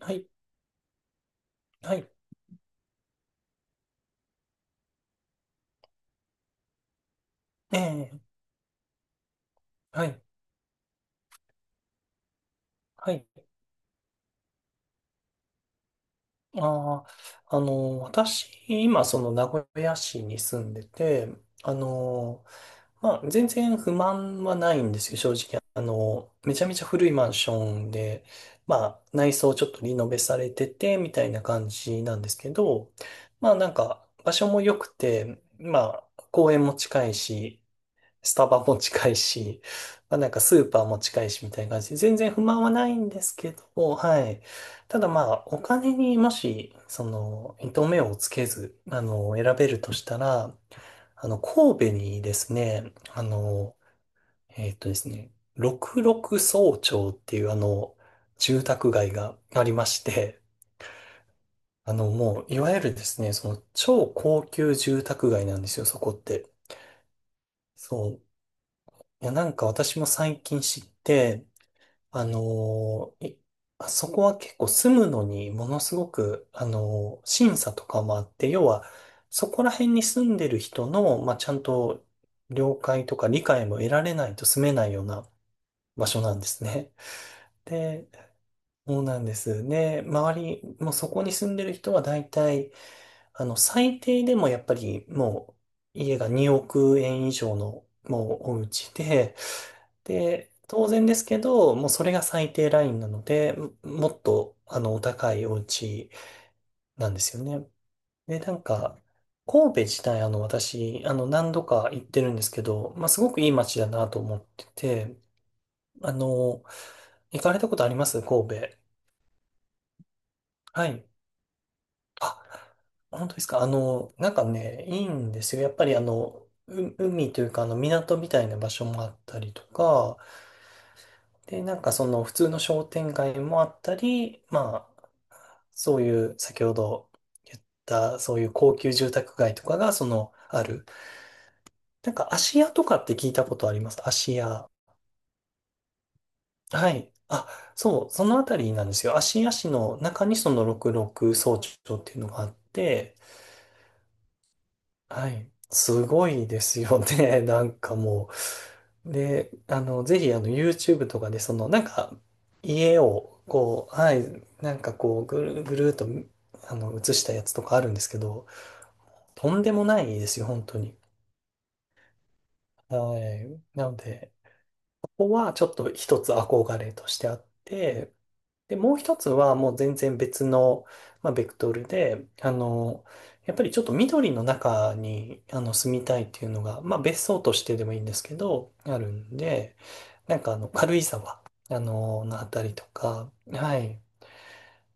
はい、はい、ええ、はい、はい。私、今、名古屋市に住んでて、あの、まあ、全然不満はないんですよ、正直。めちゃめちゃ古いマンションで、まあ、内装ちょっとリノベされてて、みたいな感じなんですけど、まあ、なんか、場所も良くて、まあ、公園も近いし、スタバも近いし、まあ、なんかスーパーも近いしみたいな感じで、全然不満はないんですけど、はい。ただまあ、お金にもし、糸目をつけず、選べるとしたら、神戸にですね、六麓総町っていう住宅街がありまして、もう、いわゆるですね、超高級住宅街なんですよ、そこって。そう。いや、なんか私も最近知って、あのー、いあそこは結構住むのにものすごく、審査とかもあって、要は、そこら辺に住んでる人の、まあ、ちゃんと了解とか理解も得られないと住めないような場所なんですね。で、そうなんです。ね、周り、もうそこに住んでる人は大体、最低でもやっぱり家が2億円以上のお家で、で、当然ですけど、もうそれが最低ラインなので、もっとお高いお家なんですよね。で、なんか、神戸自体私、何度か行ってるんですけど、まあ、すごくいい街だなと思ってて、あの、行かれたことあります神戸？はい。あ、本当ですか？なんかね、いいんですよ。やっぱり海というか、港みたいな場所もあったりとか、で、なんかその、普通の商店街もあったり、まあ、そういう、先ほど言った、そういう高級住宅街とかが、ある。なんか、芦屋とかって聞いたことあります芦屋？はい。あ、そう、そのあたりなんですよ。芦屋市の中に六麓総長っていうのがあって、はい。すごいですよね。なんか。で、ぜひ、YouTube とかで、なんか、家を、こう、はい、なんかこう、ぐるぐるーっと、映したやつとかあるんですけど、とんでもないですよ、本当に。はい。なので、ここはちょっと一つ憧れとしてあって、で、もう一つはもう全然別の、まあ、ベクトルで、やっぱりちょっと緑の中に、住みたいっていうのが、まあ、別荘としてでもいいんですけど、あるんで、なんか軽井沢、のあたりとか、はい、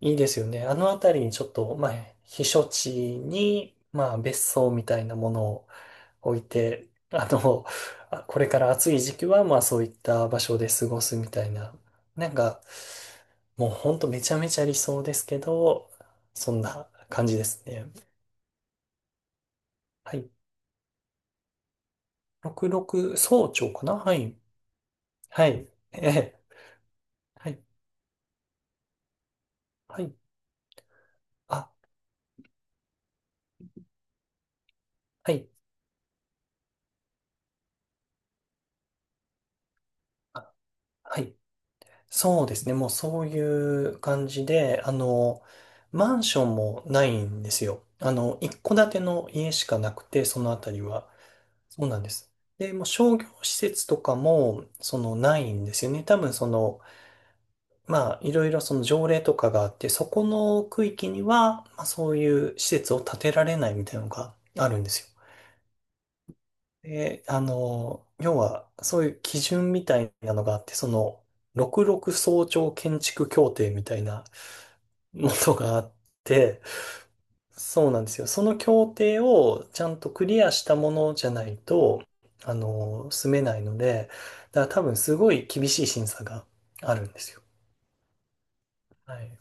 いいですよね。あのあたりにちょっと、まあ、避暑地に、まあ、別荘みたいなものを置いて、あ、これから暑い時期は、まあそういった場所で過ごすみたいな。なんか、もうほんとめちゃめちゃ理想ですけど、そんな感じですね。はい。66早朝かな、はい。はい。ええ。はい。はい。あ、はい。あ、はい。そうですね。もうそういう感じで、マンションもないんですよ。一戸建ての家しかなくて、そのあたりは。そうなんです。で、もう商業施設とかも、ないんですよね。多分、まあ、いろいろその条例とかがあって、そこの区域には、まあ、そういう施設を建てられないみたいなのがあるんですよ。で、要は、そういう基準みたいなのがあって、66総長建築協定みたいなものがあって、そうなんですよ。その協定をちゃんとクリアしたものじゃないと、住めないので、だから多分すごい厳しい審査があるんですよ。はい。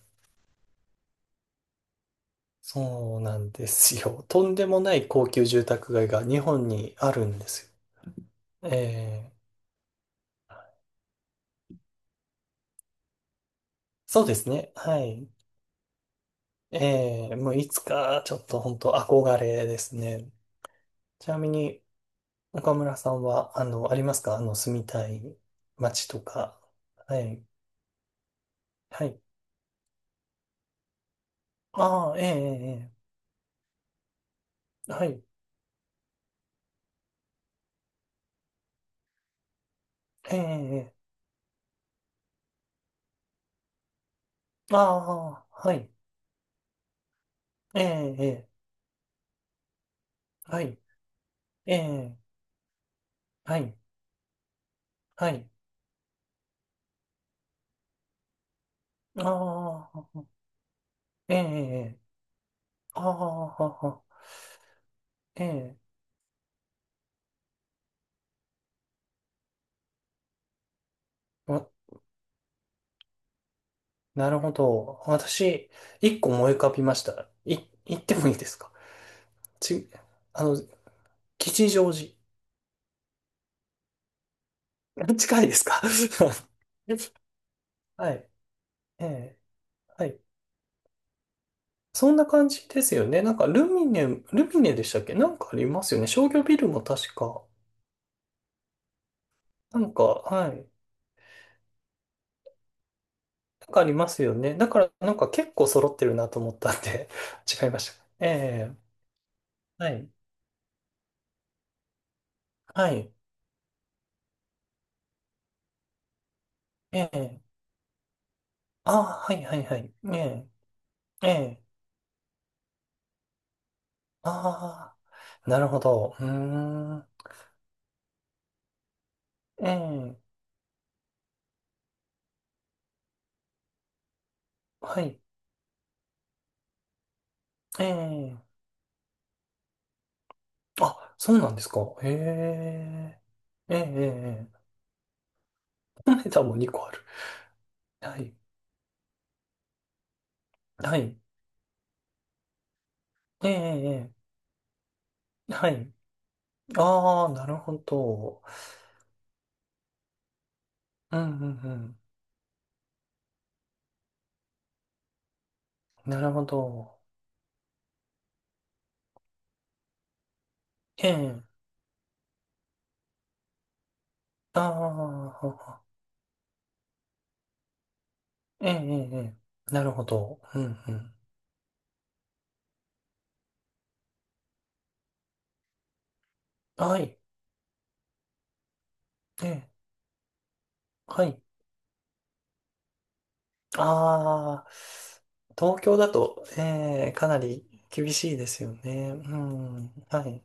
そうなんですよ。とんでもない高級住宅街が日本にあるんですよ。ー、そうですね。はい。もういつかちょっと本当憧れですね。ちなみに岡村さんは、ありますか住みたい街とか？はい。はい。ああ、ええ、ええ、ええ、はい、ええ、ええ、ああ、はい、ええ、ええ、はい、ええ、はい、はい、ああ、ええ、ええ、ああ、ああ、ええ、ええ、ええ、はい、ええ、ええ、ああ、はい、ええ、ええ、はい、ええ、はい、はい、ああ、ええ、ええ、ああ、ええ、わ、なるほど。私、一個思い浮かびました。言ってもいいですか？ち、あの、吉祥寺。近いですか？ はい、ええ、はい。そんな感じですよね。なんか、ルミネでしたっけ？なんかありますよね。商業ビルも確か。なんか、はい。なんかありますよね。だから、なんか結構揃ってるなと思ったんで、 違いました。ええ、はい。はい。ええ、ああ、はいはいはい。ええ、ええ、ああ、なるほど。うーん。ええ、はい。ええ、あ、そうなんですか？へえ、ええ、ええ、ええ。タも2個ある。はい。はい。ええ、ええ、はい。ああ、なるほど。うんうんうん。なるほど。ええ、ああ、ええ、ええ、ええ、なるほど。うん、うん。はい。ええ、はい。ああ、東京だと、ええ、かなり厳しいですよね。うん、はい。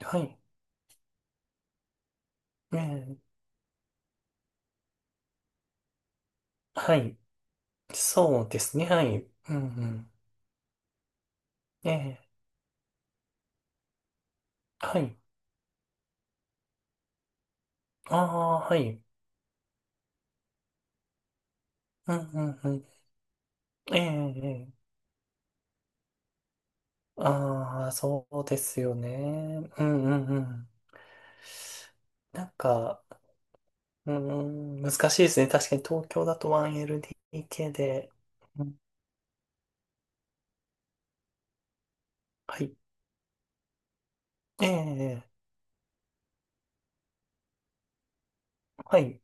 はい。ええ、はい。そうですね、はい。うん、うん。ええ、はい。ああ、はい。うん、うん、うん。ええ、ええ。ああ、そうですよね。うん、うん、うん。なんか、うーん、難しいですね。確かに東京だと 1LDK で。うん、はい。ええ、はい。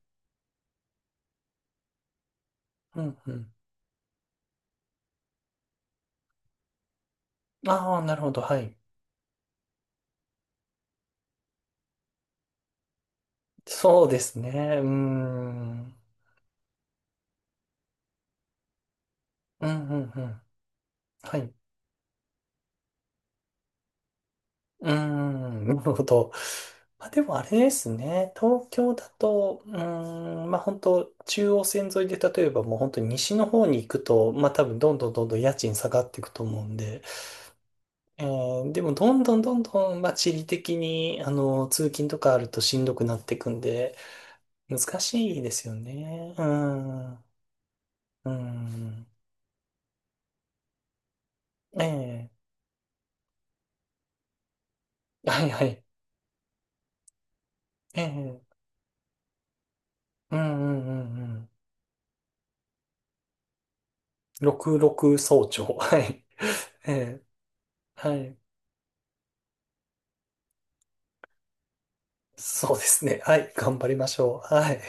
うん、うん。ああ、なるほど。はい。そうですね。うーん。うん、うん、うん。はい。うーん、なるほど。まあでもあれですね。東京だと、うーん、まあ本当中央線沿いで、例えばもう本当に西の方に行くと、まあ多分どんどんどんどん家賃下がっていくと思うんで、でも、どんどんどんどん、まあ、地理的に、通勤とかあるとしんどくなっていくんで、難しいですよね。うん。うん。ええ、はいはい。ええ、うんうんうんうん。66早朝。はい。ええ、はい。そうですね。はい。頑張りましょう。はい。